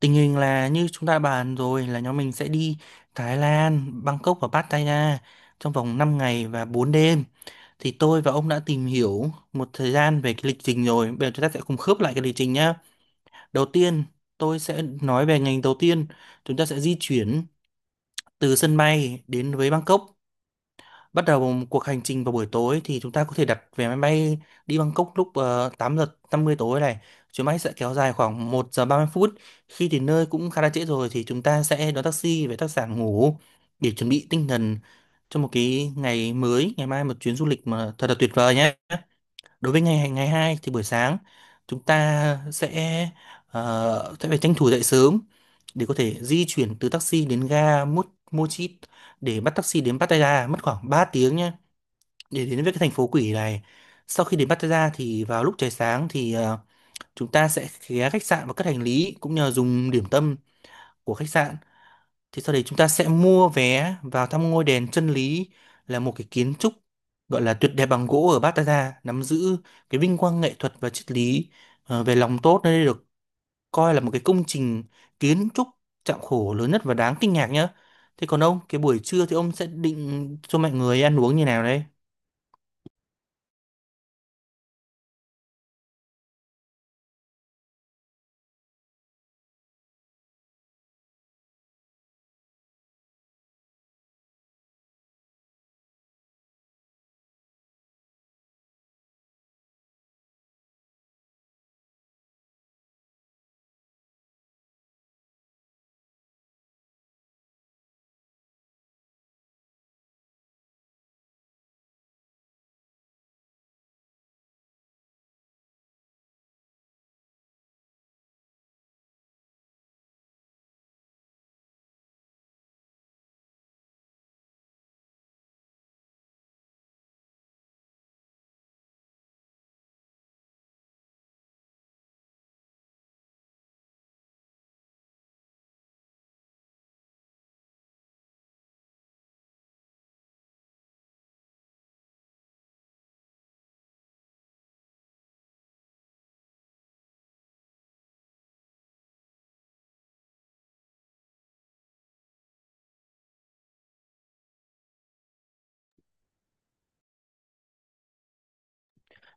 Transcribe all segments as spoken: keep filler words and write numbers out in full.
Tình hình là như chúng ta bàn rồi là nhóm mình sẽ đi Thái Lan, Bangkok và Pattaya trong vòng năm ngày và bốn đêm. Thì tôi và ông đã tìm hiểu một thời gian về cái lịch trình rồi. Bây giờ chúng ta sẽ cùng khớp lại cái lịch trình nhá. Đầu tiên, tôi sẽ nói về ngành đầu tiên. Chúng ta sẽ di chuyển từ sân bay đến với Bangkok, bắt đầu một cuộc hành trình vào buổi tối. Thì chúng ta có thể đặt vé máy bay đi Bangkok lúc uh, tám giờ năm mươi tối này. Chuyến bay sẽ kéo dài khoảng một giờ ba mươi phút. Khi đến nơi cũng khá là trễ rồi thì chúng ta sẽ đón taxi về khách sạn ngủ để chuẩn bị tinh thần cho một cái ngày mới, ngày mai một chuyến du lịch mà thật là tuyệt vời nhé. Đối với ngày ngày hai thì buổi sáng chúng ta sẽ ờ, sẽ phải tranh thủ dậy sớm để có thể di chuyển từ taxi đến ga Mo- Mochit để bắt taxi đến Pattaya, mất khoảng ba tiếng nhé, để đến với cái thành phố quỷ này. Sau khi đến Pattaya thì vào lúc trời sáng thì ờ, chúng ta sẽ ghé khách sạn và cất hành lý cũng như là dùng điểm tâm của khách sạn. Thì sau đấy chúng ta sẽ mua vé vào thăm ngôi đền chân lý, là một cái kiến trúc gọi là tuyệt đẹp bằng gỗ ở Pattaya, nắm giữ cái vinh quang nghệ thuật và triết lý, ờ, về lòng tốt. Nơi đây được coi là một cái công trình kiến trúc chạm khổ lớn nhất và đáng kinh ngạc nhá. Thế còn ông, cái buổi trưa thì ông sẽ định cho mọi người ăn uống như nào đấy?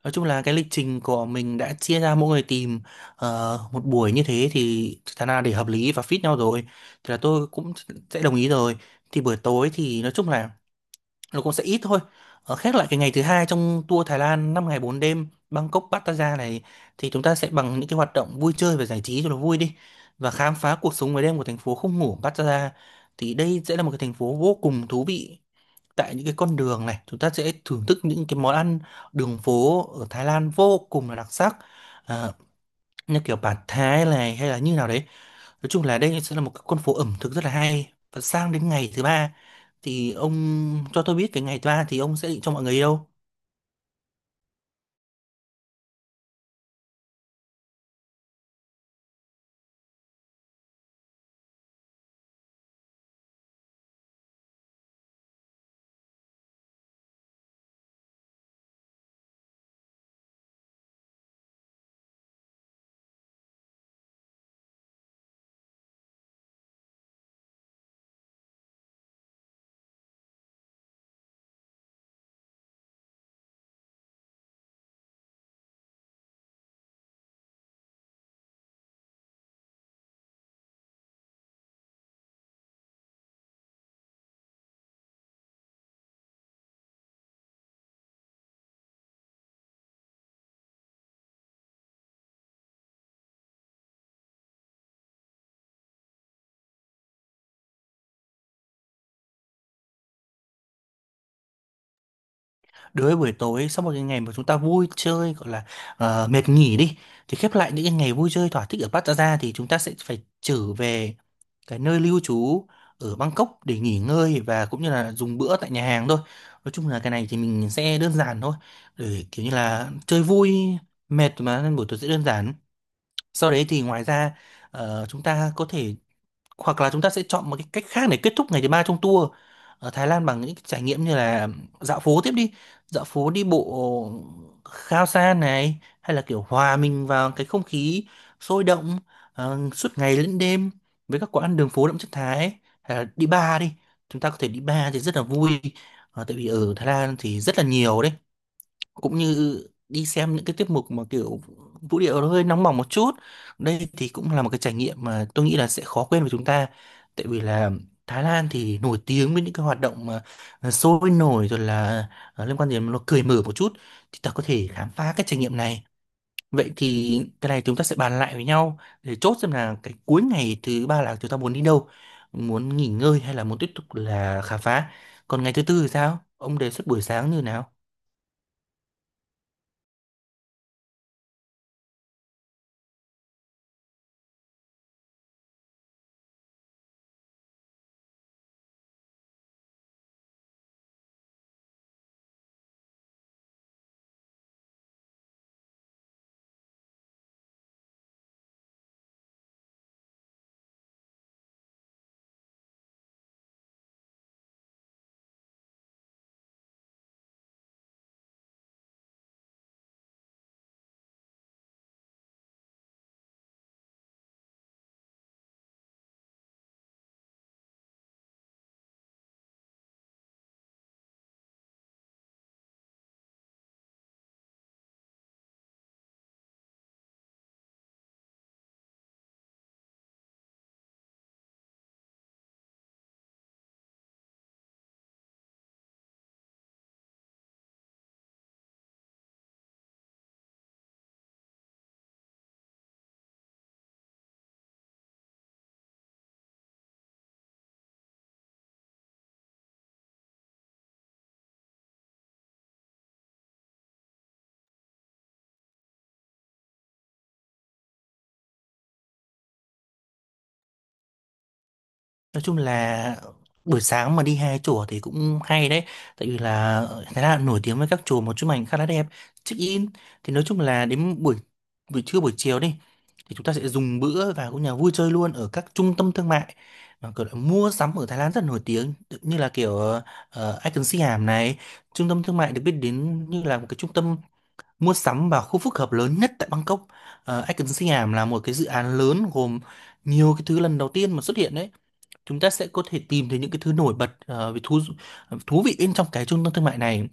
Nói chung là cái lịch trình của mình đã chia ra mỗi người tìm ờ, một buổi như thế, thì thật ra để hợp lý và fit nhau rồi thì là tôi cũng sẽ đồng ý rồi. Thì buổi tối thì nói chung là nó cũng sẽ ít thôi. Ờ, khép lại cái ngày thứ hai trong tour Thái Lan năm ngày bốn đêm Bangkok Pattaya này thì chúng ta sẽ bằng những cái hoạt động vui chơi và giải trí cho nó vui đi, và khám phá cuộc sống ngoài đêm của thành phố không ngủ Pattaya. Thì đây sẽ là một cái thành phố vô cùng thú vị. Tại những cái con đường này chúng ta sẽ thưởng thức những cái món ăn đường phố ở Thái Lan vô cùng là đặc sắc, à, như kiểu bản Thái này hay là như nào đấy. Nói chung là đây sẽ là một cái con phố ẩm thực rất là hay. Và sang đến ngày thứ ba thì ông cho tôi biết cái ngày thứ ba thì ông sẽ định cho mọi người đi đâu? Đối với buổi tối, sau một cái ngày mà chúng ta vui chơi gọi là ờ, mệt nghỉ đi, thì khép lại những cái ngày vui chơi thỏa thích ở Pattaya thì chúng ta sẽ phải trở về cái nơi lưu trú ở Bangkok để nghỉ ngơi và cũng như là dùng bữa tại nhà hàng thôi. Nói chung là cái này thì mình sẽ đơn giản thôi, để kiểu như là chơi vui mệt mà, nên buổi tối sẽ đơn giản. Sau đấy thì ngoài ra ờ, chúng ta có thể, hoặc là chúng ta sẽ chọn một cái cách khác để kết thúc ngày thứ ba trong tour ở Thái Lan bằng những cái trải nghiệm như là dạo phố tiếp đi, dạo phố đi bộ Khao San này, hay là kiểu hòa mình vào cái không khí sôi động ờ, suốt ngày lẫn đêm với các quán đường phố đậm chất Thái ấy. Hay là đi bar đi, chúng ta có thể đi bar thì rất là vui. Ờ, tại vì ở Thái Lan thì rất là nhiều đấy. Cũng như đi xem những cái tiết mục mà kiểu vũ điệu nó hơi nóng bỏng một chút, đây thì cũng là một cái trải nghiệm mà tôi nghĩ là sẽ khó quên với chúng ta. Tại vì là Thái Lan thì nổi tiếng với những cái hoạt động mà ờ, sôi nổi, rồi là ờ, liên quan đến nó cởi mở một chút, thì ta có thể khám phá cái trải nghiệm này. Vậy thì cái này chúng ta sẽ bàn lại với nhau để chốt xem là cái cuối ngày thứ ba là chúng ta muốn đi đâu, muốn nghỉ ngơi hay là muốn tiếp tục là khám phá. Còn ngày thứ tư thì sao, ông đề xuất buổi sáng như nào? Nói chung là buổi sáng mà đi hai chùa thì cũng hay đấy. Tại vì là Thái Lan nổi tiếng với các chùa, một chụp ảnh khá là đẹp, check in. Thì nói chung là đến buổi buổi trưa buổi chiều đi thì chúng ta sẽ dùng bữa và cũng nhà vui chơi luôn ở các trung tâm thương mại mà kiểu là mua sắm ở Thái Lan rất nổi tiếng, tự- như là kiểu uh, Icon Siam này, trung tâm thương mại được biết đến như là một cái trung tâm mua sắm và khu phức hợp lớn nhất tại Bangkok. uh, Icon Siam là một cái dự án lớn gồm nhiều cái thứ lần đầu tiên mà xuất hiện đấy. Chúng ta sẽ có thể tìm thấy những cái thứ nổi bật ờ, về thú thú vị bên trong cái trung tâm thương mại này.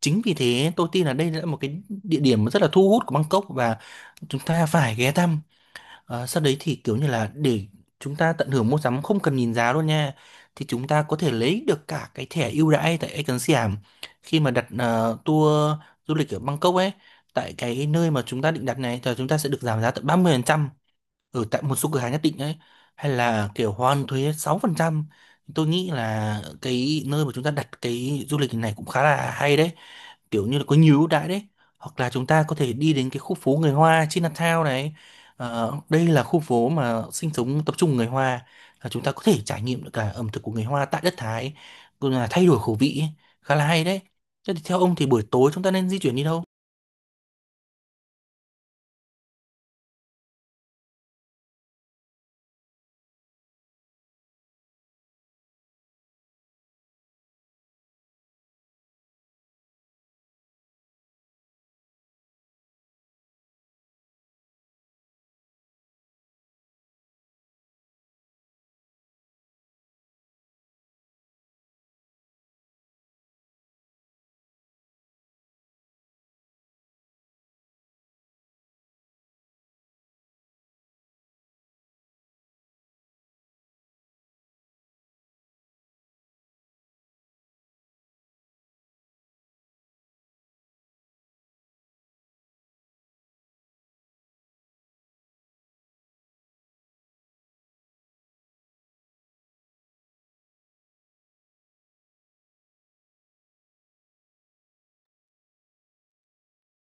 Chính vì thế tôi tin là đây là một cái địa điểm rất là thu hút của Bangkok và chúng ta phải ghé thăm. Ờ, sau đấy thì kiểu như là để chúng ta tận hưởng mua sắm không cần nhìn giá luôn nha, thì chúng ta có thể lấy được cả cái thẻ ưu đãi tại Ecan Siam khi mà đặt ờ, tour du lịch ở Bangkok ấy. Tại cái nơi mà chúng ta định đặt này thì chúng ta sẽ được giảm giá tận ba mươi phần trăm ở tại một số cửa hàng nhất định ấy, hay là kiểu hoàn thuế sáu phần trăm. Tôi nghĩ là cái nơi mà chúng ta đặt cái du lịch này cũng khá là hay đấy, kiểu như là có nhiều ưu đãi đấy. Hoặc là chúng ta có thể đi đến cái khu phố người Hoa Chinatown này. Ờ, đây là khu phố mà sinh sống tập trung người Hoa, là chúng ta có thể trải nghiệm được cả ẩm thực của người Hoa tại đất Thái, cũng là thay đổi khẩu vị ấy. Khá là hay đấy. Thế thì theo ông thì buổi tối chúng ta nên di chuyển đi đâu?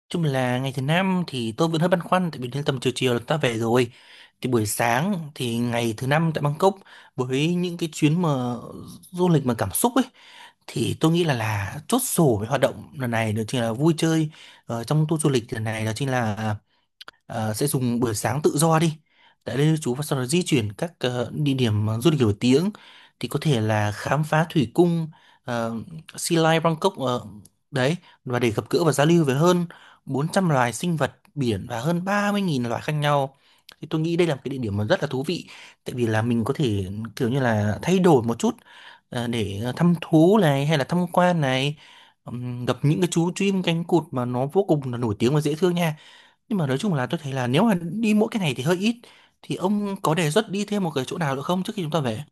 Chung là ngày thứ năm thì tôi vẫn hơi băn khoăn, tại vì đến tầm chiều chiều là ta về rồi. Thì buổi sáng thì ngày thứ năm tại Bangkok với những cái chuyến mà du lịch mà cảm xúc ấy, thì tôi nghĩ là là chốt sổ với hoạt động lần này đó chính là vui chơi ờ, trong tour du lịch lần này. Đó chính là ờ, sẽ dùng buổi sáng tự do đi tại đây chú, và sau đó di chuyển các ờ, địa điểm ờ, du lịch nổi tiếng. Thì có thể là khám phá thủy cung ờ, Sea Lion Bangkok ờ, đấy, và để gặp gỡ và giao lưu với hơn bốn trăm loài sinh vật biển và hơn ba mươi nghìn loài khác nhau. Thì tôi nghĩ đây là một cái địa điểm mà rất là thú vị, tại vì là mình có thể kiểu như là thay đổi một chút, ờ, để ờ, thăm thú này hay là tham quan này, ừm, gặp những cái chú chim cánh cụt mà nó vô cùng là nổi tiếng và dễ thương nha. Nhưng mà nói chung là tôi thấy là nếu mà đi mỗi cái này thì hơi ít, thì ông có đề xuất đi thêm một cái chỗ nào nữa không trước khi chúng ta về?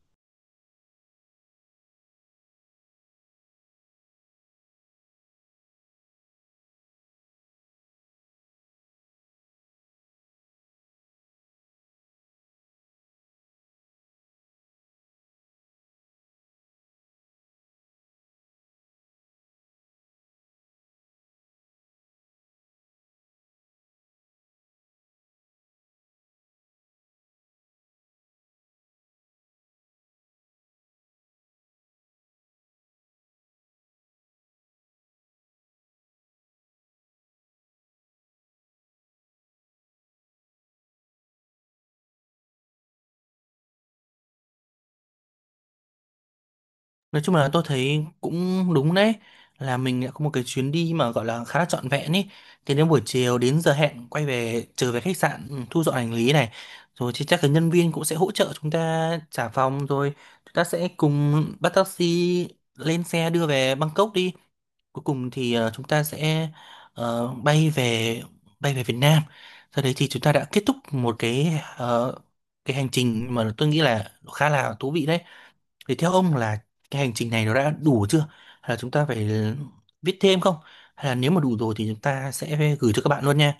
Nói chung là tôi thấy cũng đúng đấy, là mình đã có một cái chuyến đi mà gọi là khá là trọn vẹn ý. Thì đến buổi chiều đến giờ hẹn quay về, trở về khách sạn, ừ, thu dọn hành lý này, rồi thì chắc là nhân viên cũng sẽ hỗ trợ chúng ta trả phòng rồi. Chúng ta sẽ cùng bắt taxi lên xe đưa về Bangkok đi. Cuối cùng thì ờ, chúng ta sẽ ờ, bay về bay về Việt Nam. Sau đấy thì chúng ta đã kết thúc một cái ờ, cái hành trình mà tôi nghĩ là khá là thú vị đấy. Thì theo ông là cái hành trình này nó đã đủ chưa? Hay là chúng ta phải viết thêm không? Hay là nếu mà đủ rồi thì chúng ta sẽ gửi cho các bạn luôn nha.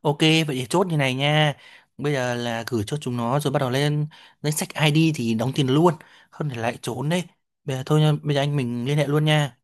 Ok, vậy thì chốt như này nha. Bây giờ là gửi cho chúng nó rồi bắt đầu lên danh sách i đê thì đóng tiền luôn. Không thì lại trốn đấy. Bây giờ thôi nha, bây giờ anh mình liên hệ luôn nha.